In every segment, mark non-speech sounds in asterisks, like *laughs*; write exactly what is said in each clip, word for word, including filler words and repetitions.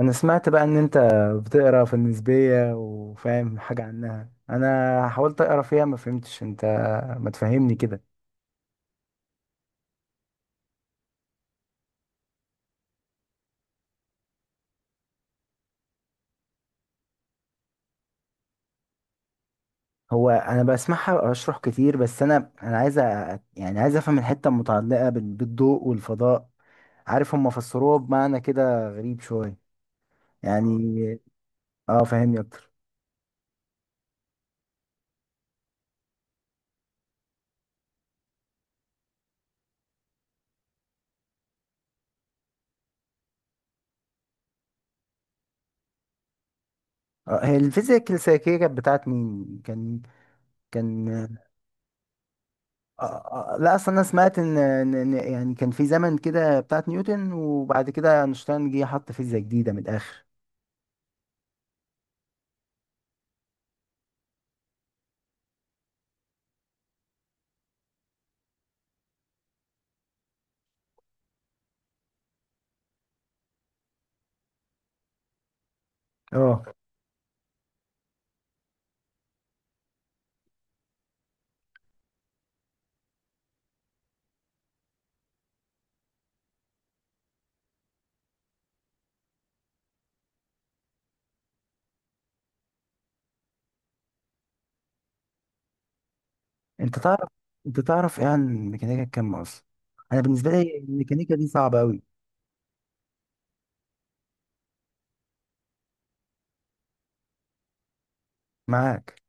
انا سمعت بقى ان انت بتقرا في النسبية وفاهم حاجة عنها. انا حاولت اقرا فيها ما فهمتش. انت ما تفهمني كده؟ هو انا بسمعها اشرح كتير، بس انا انا عايز أ- يعني عايز افهم الحتة المتعلقة بال- بالضوء والفضاء. عارف، هم فسروها بمعنى كده غريب شوية يعني. اه، فهمني اكتر. آه، هي الفيزياء الكلاسيكية كانت بتاعت مين كان كان؟ آه، آه، لا اصل انا سمعت ان إن- إن يعني كان في زمن كده بتاعت نيوتن، وبعد كده اينشتاين جه حط فيزياء جديده من الاخر. اه، انت تعرف انت تعرف ايه عن ميكانيكا الكم اصلا؟ انا بالنسبه لي الميكانيكا دي صعبه قوي. معاك.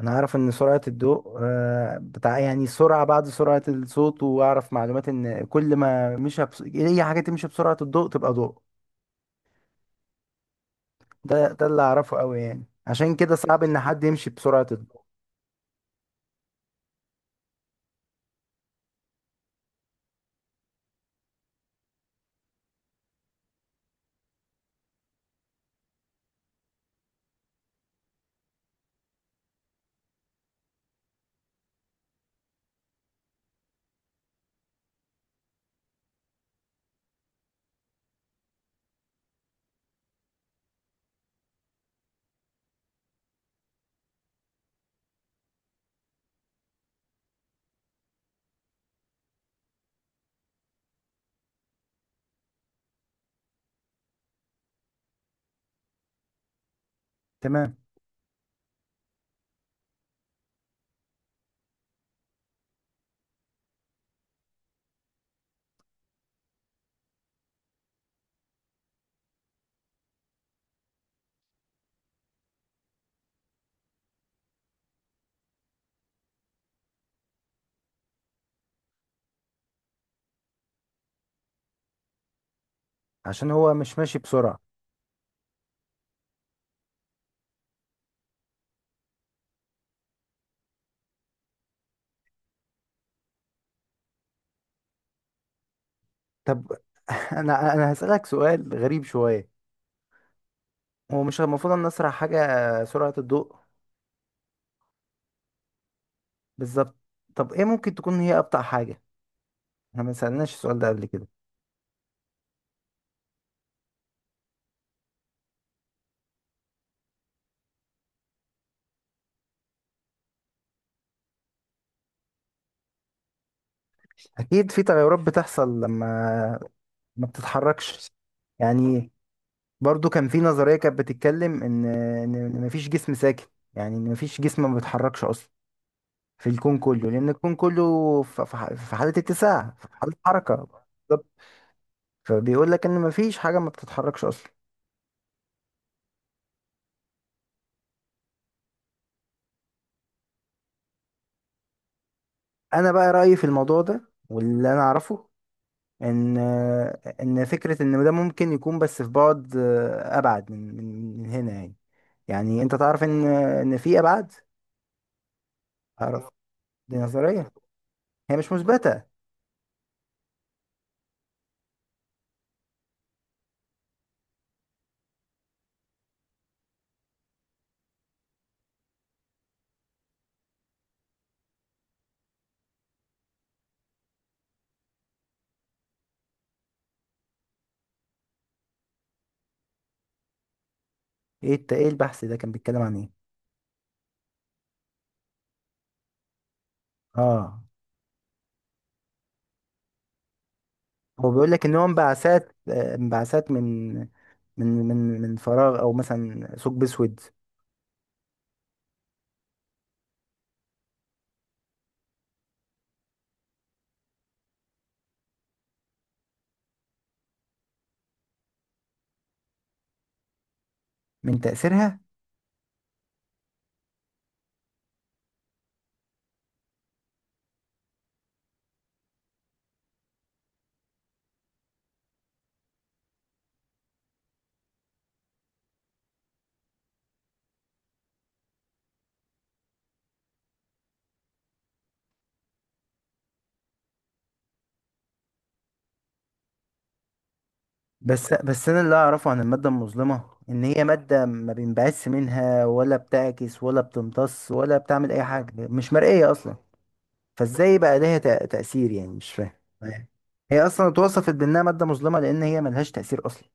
انا اعرف ان سرعه الضوء آه، بتاع، يعني سرعه بعد سرعه الصوت، واعرف معلومات ان كل ما مشى بس... اي حاجه تمشي بسرعه الضوء تبقى ضوء. ده ده اللي اعرفه قوي، يعني عشان كده صعب ان حد يمشي بسرعه الضوء. تمام، عشان هو مش ماشي بسرعه. طب، *laughs* انا انا هسألك سؤال غريب شوية. هو مش المفروض ان اسرع حاجة سرعة الضوء؟ بالظبط. طب ايه ممكن تكون هي ابطأ حاجة؟ احنا ما سألناش السؤال ده قبل كده؟ اكيد في تغيرات بتحصل لما ما بتتحركش. يعني برضو كان في نظرية كانت بتتكلم ان ان إن مفيش جسم ساكن، يعني ان مفيش جسم ما بيتحركش اصلا في الكون كله، لان الكون كله في في ح- في حالة اتساع، في حالة حركة. بالظبط، فبيقول لك ان مفيش حاجة ما بتتحركش اصلا. انا بقى رايي في الموضوع ده واللي انا اعرفه، ان ان فكره ان ده ممكن يكون بس في بعد، آه، ابعد من من من هنا يعني. يعني انت تعرف ان ان في ابعاد. تعرف؟ دي نظريه هي مش مثبته. ايه الت- ايه البحث ده كان بيتكلم عن ايه؟ اه، هو بيقول لك ان هو انبعاثات، آه، انبعاثات من من من من فراغ او مثلا ثقب اسود. من تاثيرها. بس بس انا اللي اعرفه عن الماده المظلمه، ان هي ماده ما بينبعث منها ولا بتعكس ولا بتمتص ولا بتعمل اي حاجه، مش مرئيه اصلا. فازاي بقى ليها تأ- تاثير؟ يعني مش فاهم. هي اصلا اتوصفت بانها ماده مظلمه لان هي ملهاش تاثير اصلا.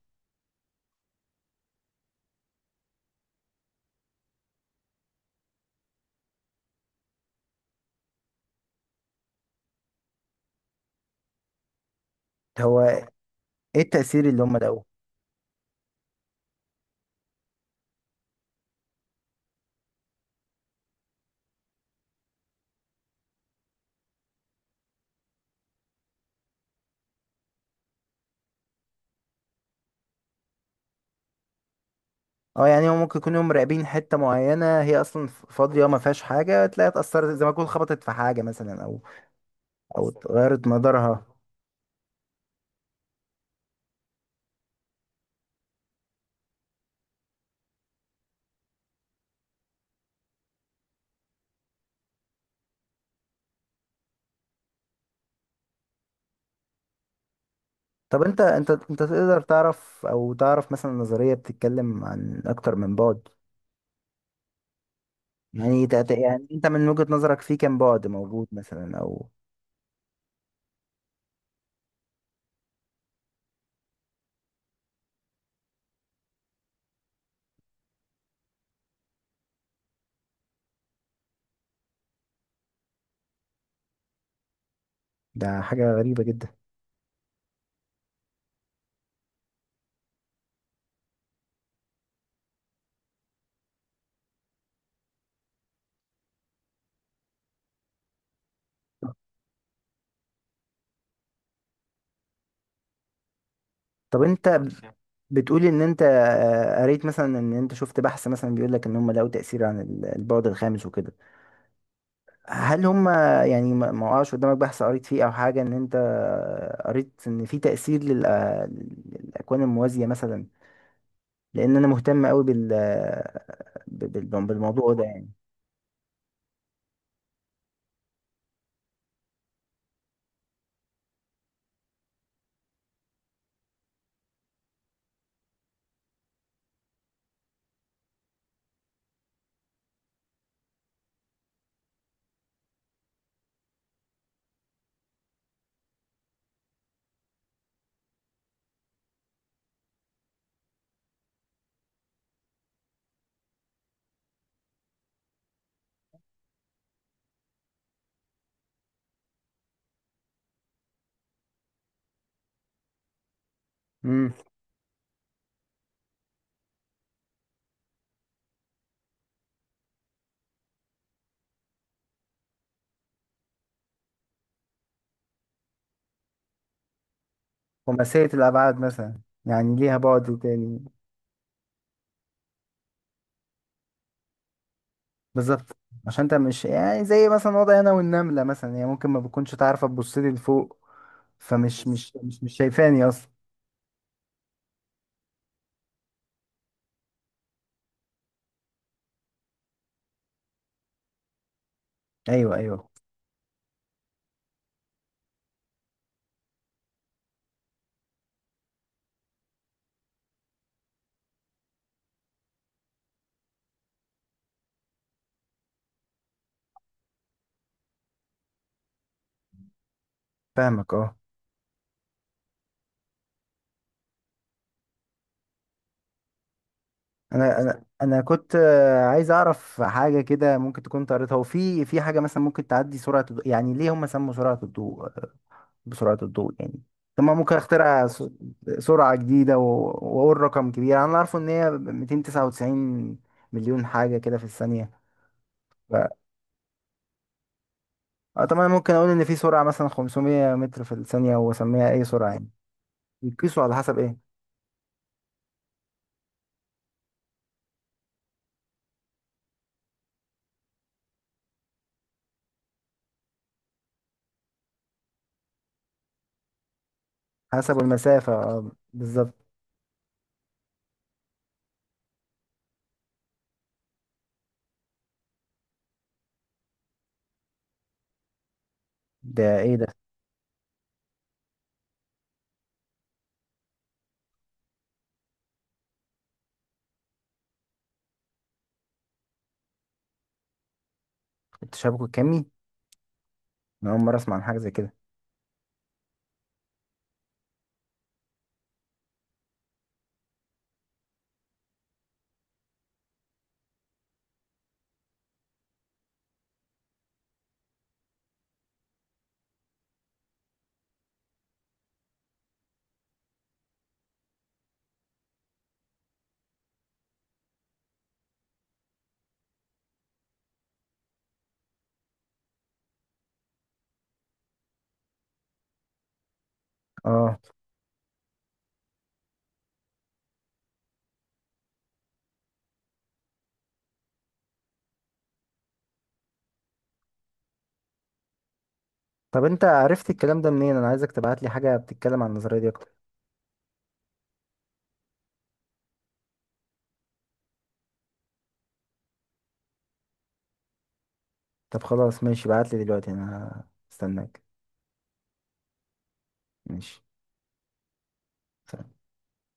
هو ايه التاثير اللي هم لقوه؟ اه، يعني هم ممكن يكونوا مراقبين حته معينه هي اصلا ف- فاضيه، ما فيهاش حاجه، تلاقيها اتاثرت زي ما تكون خبطت في حاجه مثلا، او او اتغيرت مدارها. طب انت انت انت تقدر تعرف، او تعرف مثلا، نظرية بتتكلم عن اكتر من بعد؟ يعني تق- تق- يعني انت من وجهة نظرك في كام بعد موجود مثلا، او؟ ده حاجة غريبة جدا. طب انت ب- بتقول ان انت آه، قريت مثلا، ان انت شفت بحث مثلا بيقول لك ان هم لقوا تأثير عن ال- البعد الخامس وكده. هل هم، يعني ما ما وقعش قدامك بحث قريت فيه، او حاجة ان انت آه، قريت ان في تأثير للأ- للأكوان الموازية مثلا؟ لان انا مهتم قوي بال بال- بالموضوع ده يعني. امم خماسية الأبعاد مثلا، يعني ليها بعد تاني. بالظبط، عشان انت مش يعني زي مثلا وضعي أنا والنملة مثلا، هي ممكن ما بتكونش تعرف تبص لي لفوق، فمش مش مش مش شايفاني أصلا. أيوه، أيوه. فاهمك أه. أنا أنا أنا كنت آه، عايز أعرف حاجة كده ممكن تكون أنت قريتها، وفي في حاجة مثلا ممكن تعدي سرعة الضوء؟ يعني ليه هم سموا سرعة الضوء بسرعة الضوء يعني؟ طب ما ممكن اخترع س- سرعة جديدة و- واقول رقم كبير. انا عارفه ان هي مئتين وتسعة وتسعين مليون حاجة كده في الثانية. ف... آه، طب انا ممكن اقول ان في سرعة مثلا خمسمية متر في الثانية واسميها اي سرعة يعني؟ بيقيسوا على حسب ايه؟ حسب المسافة، اه، بالظبط. ده ايه ده؟ التشابك الكمي؟ انا اول مرة اسمع عن حاجة زي كده. اه، طب انت عرفت الكلام ده منين؟ انا عايزك تبعت لي حاجة بتتكلم عن النظرية دي اكتر. طب خلاص، ماشي، بعت لي دلوقتي، انا هستناك. ماشي.